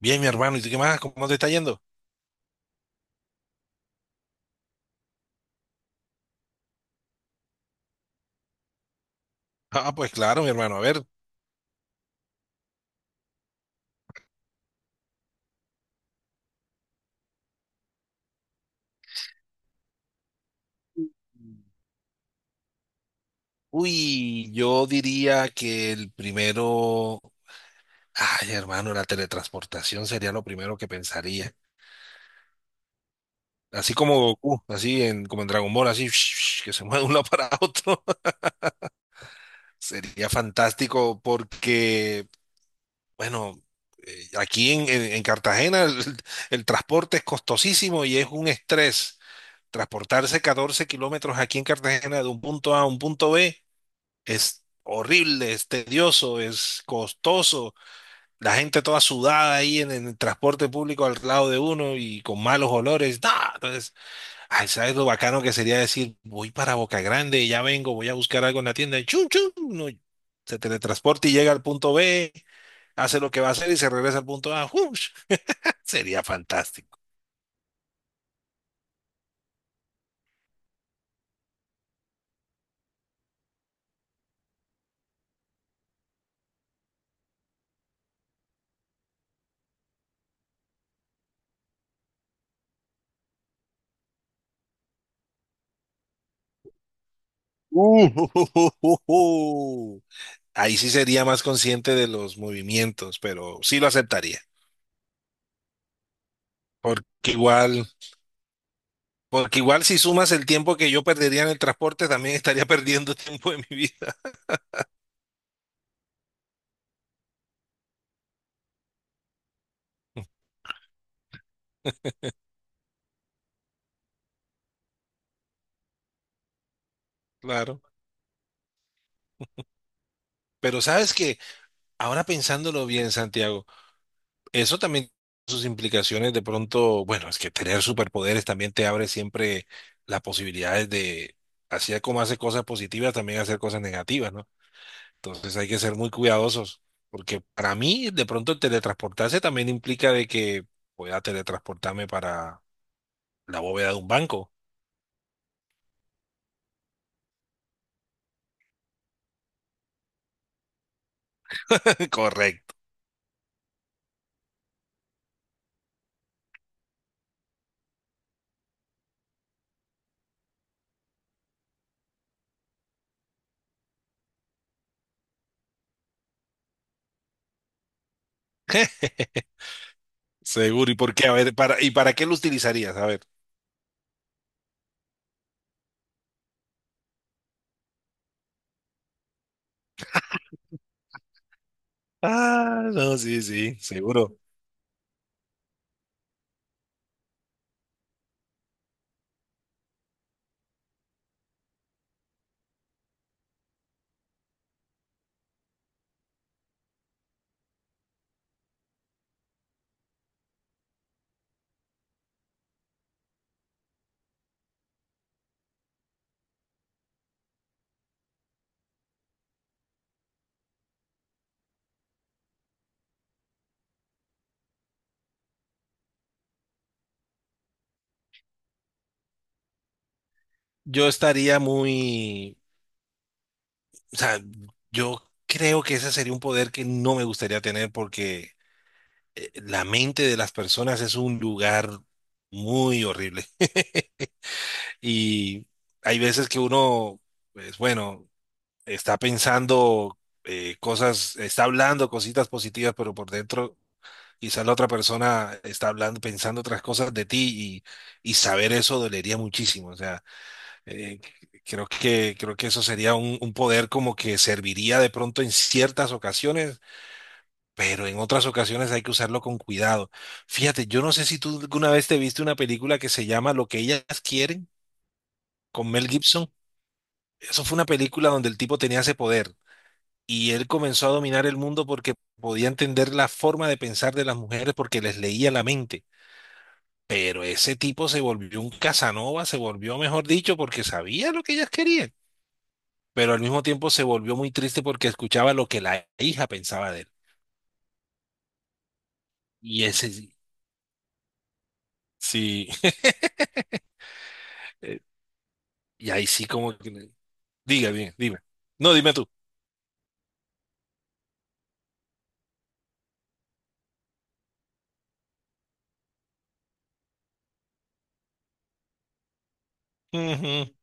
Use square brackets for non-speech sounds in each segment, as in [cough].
Bien, mi hermano, ¿y tú qué más? ¿Cómo te está yendo? Ah, pues claro, mi hermano, a ver. Uy, yo diría que el primero, ay, hermano, la teletransportación sería lo primero que pensaría. Así como Goku, como en Dragon Ball, así [laughs] que se mueve de un lado para otro. [laughs] Sería fantástico porque, bueno, aquí en Cartagena el transporte es costosísimo y es un estrés. Transportarse 14 kilómetros aquí en Cartagena de un punto A a un punto B, es horrible, es tedioso, es costoso, la gente toda sudada ahí en el transporte público al lado de uno y con malos olores. ¡Nah! Entonces, ay, ¿sabes lo bacano que sería decir, voy para Boca Grande, ya vengo, voy a buscar algo en la tienda y chum, chum, no, se teletransporta y llega al punto B, hace lo que va a hacer y se regresa al punto A? ¡Ush! [laughs] Sería fantástico. Uh, [laughs] Ahí sí sería más consciente de los movimientos, pero sí lo aceptaría, porque igual... Porque igual si sumas el tiempo que yo perdería en el transporte, también estaría [laughs] perdiendo tiempo de mi vida. [laughs] Claro. Pero sabes que ahora pensándolo bien, Santiago, eso también tiene sus implicaciones de pronto, bueno, es que tener superpoderes también te abre siempre las posibilidades de, así como hacer cosas positivas, también hacer cosas negativas, ¿no? Entonces hay que ser muy cuidadosos, porque para mí de pronto el teletransportarse también implica de que pueda teletransportarme para la bóveda de un banco. [laughs] Correcto. [laughs] Seguro. ¿Y por qué? A ver, para, ¿y para qué lo utilizarías? A ver. Ah, no, sí, sí, seguro. Yo estaría muy, o sea, yo creo que ese sería un poder que no me gustaría tener porque la mente de las personas es un lugar muy horrible. [laughs] Y hay veces que uno, pues bueno, está pensando cosas, está hablando cositas positivas, pero por dentro quizás la otra persona está hablando, pensando otras cosas de ti y saber eso dolería muchísimo. O sea, eh, creo que eso sería un poder como que serviría de pronto en ciertas ocasiones, pero en otras ocasiones hay que usarlo con cuidado. Fíjate, yo no sé si tú alguna vez te viste una película que se llama Lo que ellas quieren, con Mel Gibson. Eso fue una película donde el tipo tenía ese poder y él comenzó a dominar el mundo porque podía entender la forma de pensar de las mujeres porque les leía la mente. Pero ese tipo se volvió un Casanova, se volvió, mejor dicho, porque sabía lo que ellas querían. Pero al mismo tiempo se volvió muy triste porque escuchaba lo que la hija pensaba de él. Y ese sí, [laughs] eh, y ahí sí como que... Diga bien, dime. No, dime tú. Ujú.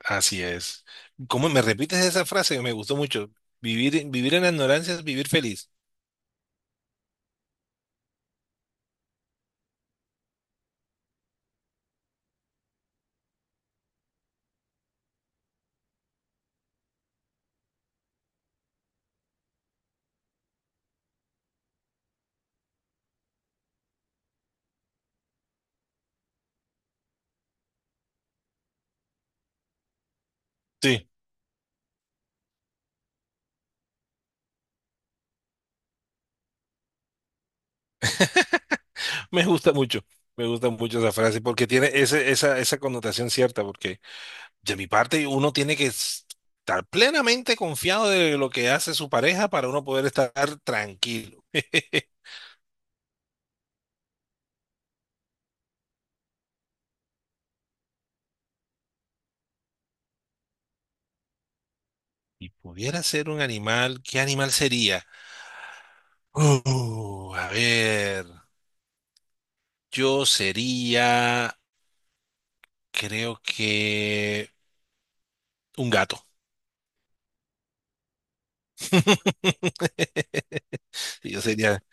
Así es. ¿Cómo me repites esa frase que me gustó mucho? Vivir, vivir en la ignorancia es vivir feliz. Sí, me gusta mucho. Me gusta mucho esa frase porque tiene esa connotación cierta, porque de mi parte, uno tiene que estar plenamente confiado de lo que hace su pareja para uno poder estar tranquilo. [laughs] Y pudiera ser un animal, ¿qué animal sería? A ver, yo sería, creo que un gato. [laughs] Yo sería,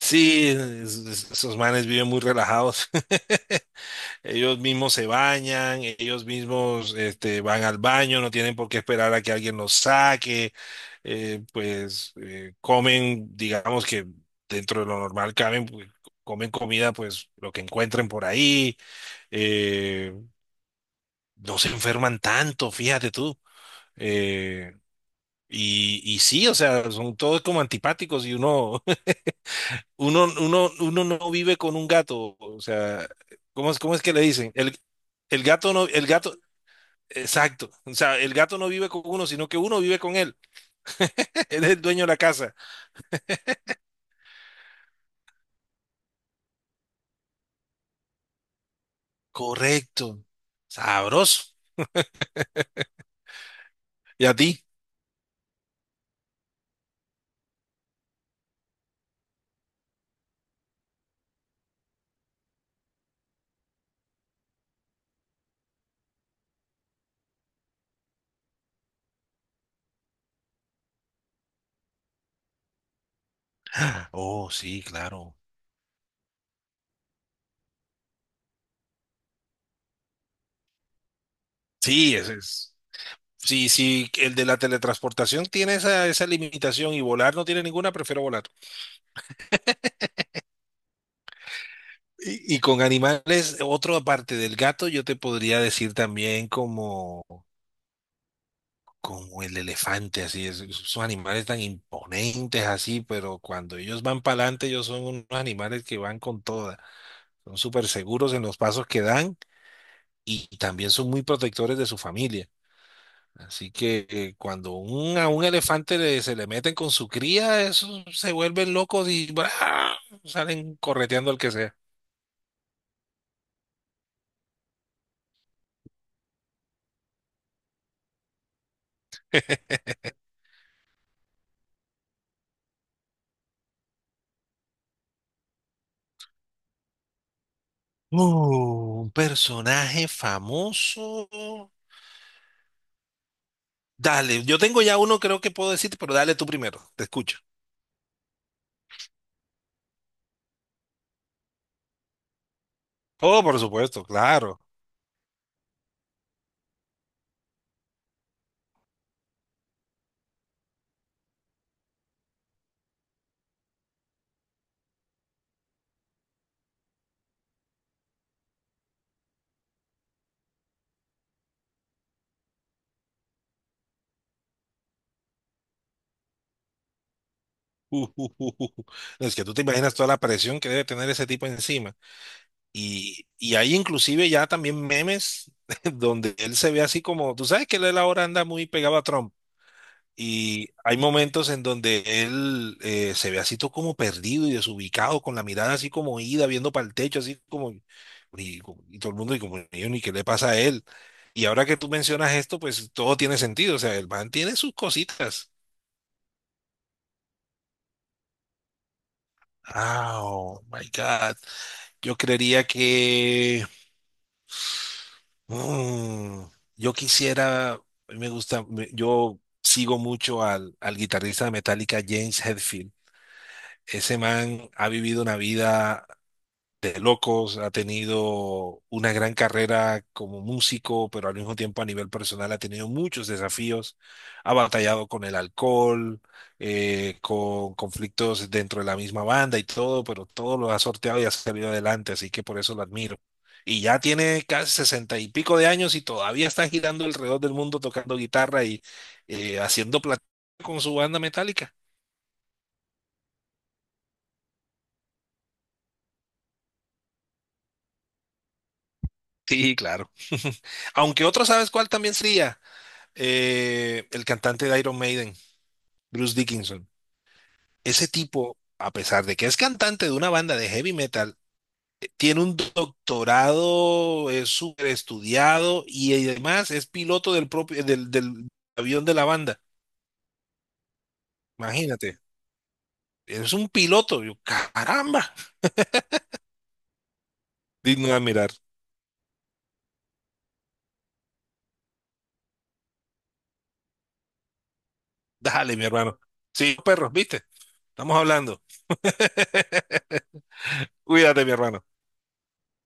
sí, es- esos manes viven muy relajados. [laughs] Ellos mismos se bañan, ellos mismos van al baño, no tienen por qué esperar a que alguien los saque, pues comen, digamos que dentro de lo normal caben, pues, comen comida, pues lo que encuentren por ahí, eh, no se enferman tanto, fíjate tú. eh, y sí, o sea, son todos como antipáticos y uno, [laughs] uno no vive con un gato, o sea, ¿cómo es que le dicen? El gato no, el gato, exacto. O sea, el gato no vive con uno, sino que uno vive con él. [laughs] Él es el dueño de la casa. Correcto. Sabroso. ¿Y a ti? Oh, sí, claro. Sí, ese es. Sí, sí, el de la teletransportación tiene esa, esa limitación y volar no tiene ninguna, prefiero volar. Y con animales, otra parte del gato, yo te podría decir también como como el elefante, así es, son animales tan imponentes así, pero cuando ellos van para adelante, ellos son unos animales que van con toda, son súper seguros en los pasos que dan y también son muy protectores de su familia. Así que cuando un, a un elefante le- se le meten con su cría, esos se vuelven locos y ¡bra! Salen correteando al que sea. Un personaje famoso. Dale, yo tengo ya uno, creo que puedo decirte, pero dale tú primero, te escucho. Oh, por supuesto, claro. Uh, uh, uh, uh, uh. Es que tú te imaginas toda la presión que debe tener ese tipo encima. Y hay inclusive ya también memes [laughs] donde él se ve así como, tú sabes que él ahora anda muy pegado a Trump. Y hay momentos en donde él se ve así todo como perdido y desubicado, con la mirada así como ida, viendo para el techo, así como, y, y todo el mundo, y como, ¿y qué le pasa a él? Y ahora que tú mencionas esto, pues todo tiene sentido. O sea, el man tiene sus cositas. Ah, Oh my God. Yo creería que mm, yo quisiera, yo sigo mucho al guitarrista de Metallica, James Hetfield. Ese man ha vivido una vida de locos, ha tenido una gran carrera como músico, pero al mismo tiempo a nivel personal ha tenido muchos desafíos, ha batallado con el alcohol, con conflictos dentro de la misma banda y todo, pero todo lo ha sorteado y ha salido adelante, así que por eso lo admiro. Y ya tiene casi sesenta y pico de años y todavía está girando alrededor del mundo tocando guitarra y haciendo plata con su banda metálica. Sí, claro. [laughs] Aunque otro, ¿sabes cuál también sería? El cantante de Iron Maiden, Bruce Dickinson. Ese tipo, a pesar de que es cantante de una banda de heavy metal, tiene un doctorado, es súper estudiado y además es piloto del propio, del avión de la banda. Imagínate, es un piloto. Yo, caramba, digno de admirar. Dale, mi hermano. Sí, perros, ¿viste? Estamos hablando. [laughs] Cuídate, mi hermano.